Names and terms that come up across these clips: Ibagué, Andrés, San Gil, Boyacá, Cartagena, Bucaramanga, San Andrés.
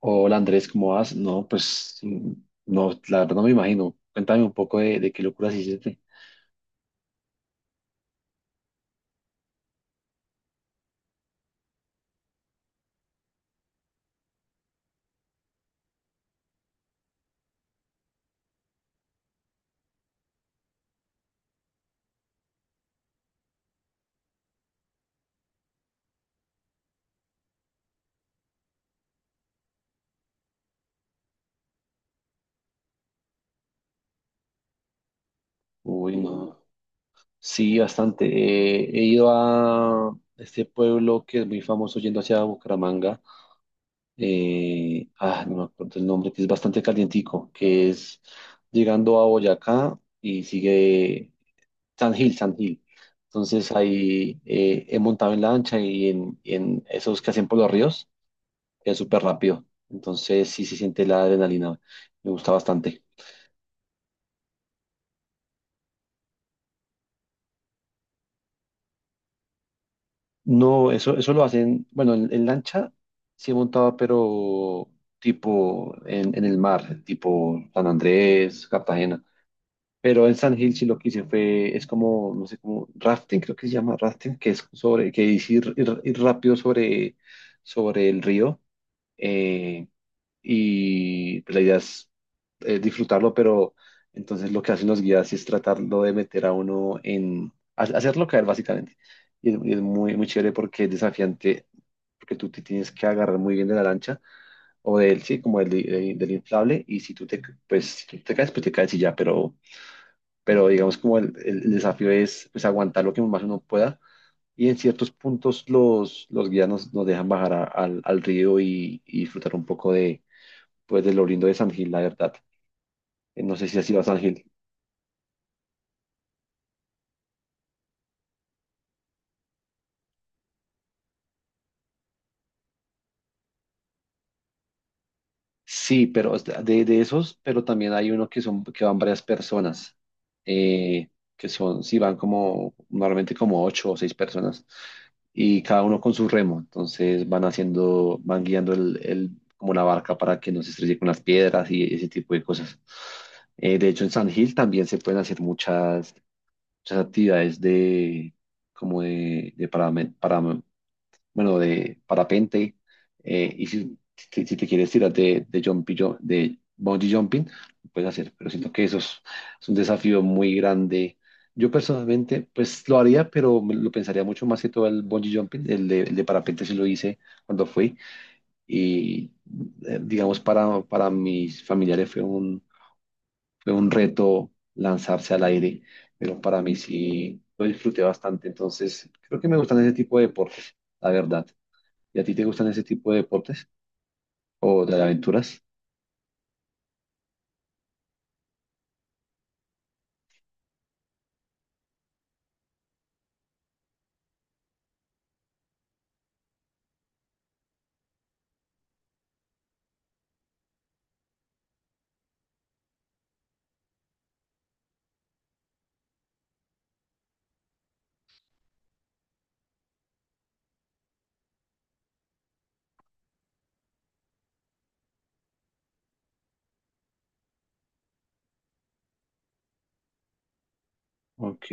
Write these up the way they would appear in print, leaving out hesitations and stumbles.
Hola Andrés, ¿cómo vas? No, pues no, la verdad no me imagino. Cuéntame un poco de qué locuras hiciste. Uy, no. Sí, bastante. He ido a este pueblo que es muy famoso yendo hacia Bucaramanga. No me acuerdo el nombre, que es bastante calientico, que es llegando a Boyacá y sigue San Gil, San Gil. Entonces ahí he montado en lancha y en esos que hacen por los ríos. Es súper rápido. Entonces sí se siente la adrenalina. Me gusta bastante. No, eso lo hacen, bueno, en lancha sí he montado, pero tipo en el mar, tipo San Andrés, Cartagena. Pero en San Gil sí lo que hice fue, es como, no sé, como rafting, creo que se llama rafting, que es sobre, que es ir rápido sobre el río. Eh, y pues, la idea es disfrutarlo, pero entonces lo que hacen los guías es tratarlo de meter a uno hacerlo caer básicamente. Y es muy, muy chévere porque es desafiante, porque tú te tienes que agarrar muy bien de la lancha o del, sí, como del inflable, y si pues, si tú te caes, pues te caes y ya, pero, digamos como el desafío es pues, aguantar lo que más uno pueda. Y en ciertos puntos los guías nos dejan bajar al río y disfrutar un poco pues del oriundo de San Gil, la verdad. No sé si has ido a San Gil. Sí, pero es de esos, pero también hay uno que son, que van varias personas, eh, que son, sí, van como, normalmente como ocho o seis personas, y cada uno con su remo, entonces van haciendo, van guiando como la barca para que no se estrelle con las piedras y ese tipo de cosas. De hecho, en San Gil también se pueden hacer muchas, muchas actividades de, como de paramed- bueno, de parapente, y si te quieres tirar de bungee jumping, lo puedes hacer, pero siento que eso es un desafío muy grande. Yo personalmente, pues lo haría, pero me lo pensaría mucho más que todo el bungee jumping, el de parapente sí lo hice cuando fui, y digamos para mis familiares fue un, reto lanzarse al aire, pero para mí sí lo disfruté bastante, entonces creo que me gustan ese tipo de deportes, la verdad. ¿Y a ti te gustan ese tipo de deportes o de aventuras? Ok.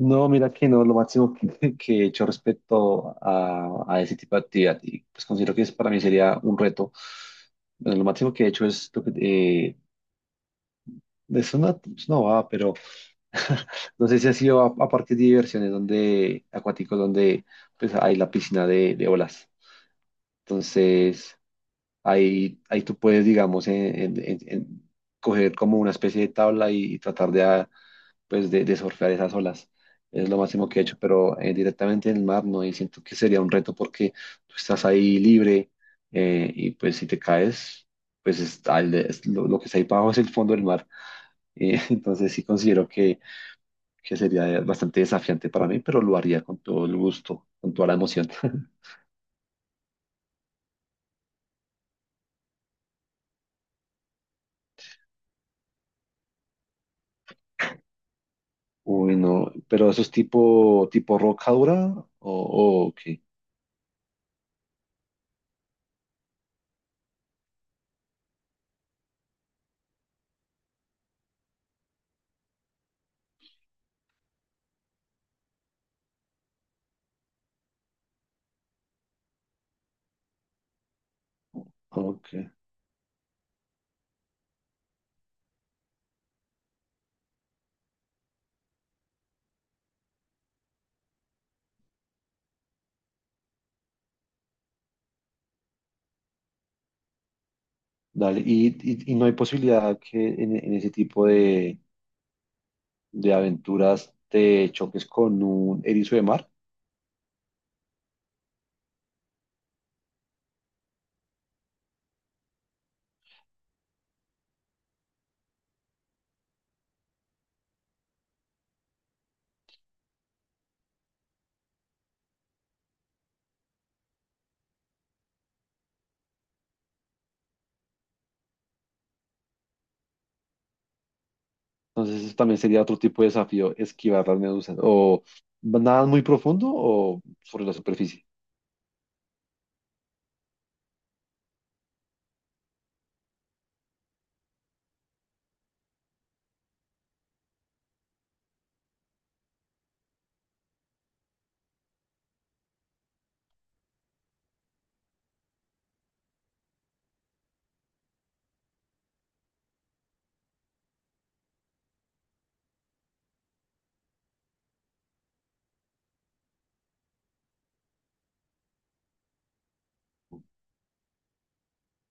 No, mira que no, lo máximo que, que he hecho respecto a ese tipo de actividad, y pues considero que es, para mí sería un reto. Bueno, lo máximo que he hecho es lo que es una, bobada, pero no sé si ha sido a parques de diversiones donde, acuáticos donde pues hay la piscina de olas. Entonces, ahí tú puedes, digamos, en coger como una especie de tabla y tratar pues de surfear esas olas. Es lo máximo que he hecho, pero directamente en el mar no, y siento que sería un reto porque tú estás ahí libre y pues si te caes, pues es lo que está ahí para abajo es el fondo del mar. Entonces sí considero que sería bastante desafiante para mí, pero lo haría con todo el gusto, con toda la emoción. Uy, no, pero eso es tipo roca dura o qué? Ok, dale. Y no hay posibilidad que en ese tipo de aventuras, te choques con un erizo de mar. Entonces, eso también sería otro tipo de desafío, esquivar las medusas. O nada muy profundo o sobre la superficie.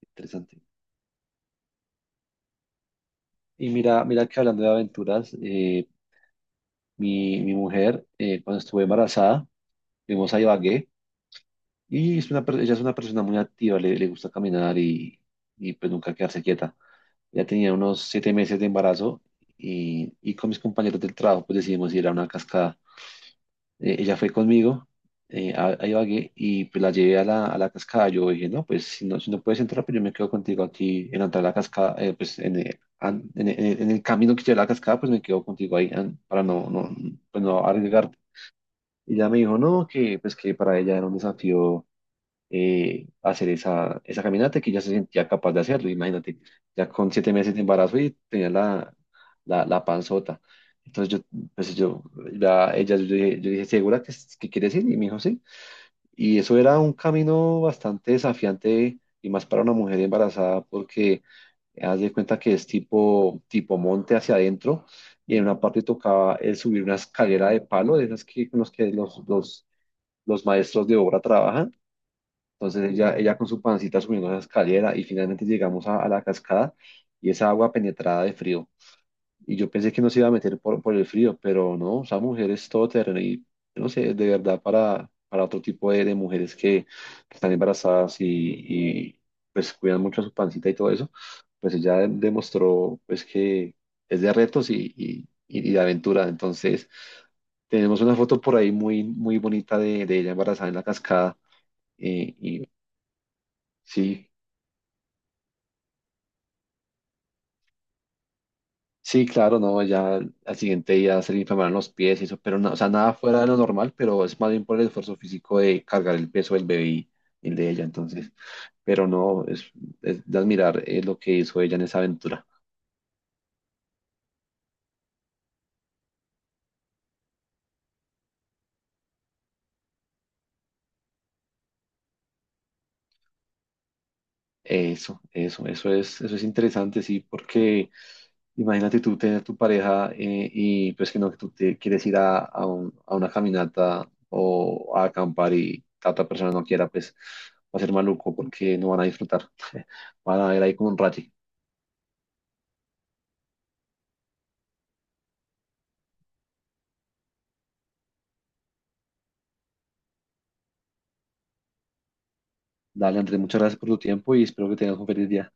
Interesante. Y mira, mira que hablando de aventuras, mi mujer, cuando estuve embarazada, fuimos a Ibagué y es ella es una persona muy activa, le gusta caminar y pues nunca quedarse quieta. Ya tenía unos 7 meses de embarazo y con mis compañeros del trabajo pues decidimos ir a una cascada. Ella fue conmigo a Ibagué y pues la llevé a la cascada. Yo dije, no, pues si no puedes entrar, pues yo me quedo contigo aquí en la entrada de la cascada, pues en, an- en el camino que lleva a la cascada, pues me quedo contigo ahí para no, no, pues no arriesgarte. Y ella me dijo, no, que pues que para ella era un desafío hacer esa, caminata que ya se sentía capaz de hacerlo. Imagínate, ya con 7 meses de embarazo y tenía la, panzota. Entonces yo, pues yo, la- ella, yo dije, ¿segura que quieres ir? Y me dijo, sí. Y eso era un camino bastante desafiante y más para una mujer embarazada porque haz de cuenta que es tipo monte hacia adentro y en una parte tocaba el subir una escalera de palo, de esas con los que los maestros de obra trabajan, entonces ella con su pancita subiendo esa escalera y finalmente llegamos a la cascada y esa agua penetrada de frío. Y yo pensé que nos iba a meter por el frío, pero no, esa mujer es todoterreno y yo no sé, de verdad para otro tipo de mujeres que están embarazadas pues cuidan mucho a su pancita y todo eso, pues ella demostró pues que es de retos y de aventura. Entonces tenemos una foto por ahí muy, muy bonita de ella embarazada en la cascada y sí, sí, claro, no, ya al siguiente día se le inflamaron los pies y eso, pero no, o sea, nada fuera de lo normal, pero es más bien por el esfuerzo físico de cargar el peso del bebé y el de ella, entonces, pero no, es, de admirar lo que hizo ella en esa aventura. Eso, eso es interesante, sí, porque imagínate tú tener tu pareja y pues que no, que tú te quieres ir a una caminata o a acampar y la otra persona no quiera, pues va a ser maluco porque no van a disfrutar. Van a ir ahí como un rayo. Dale, Andrés, muchas gracias por tu tiempo y espero que tengas un feliz día.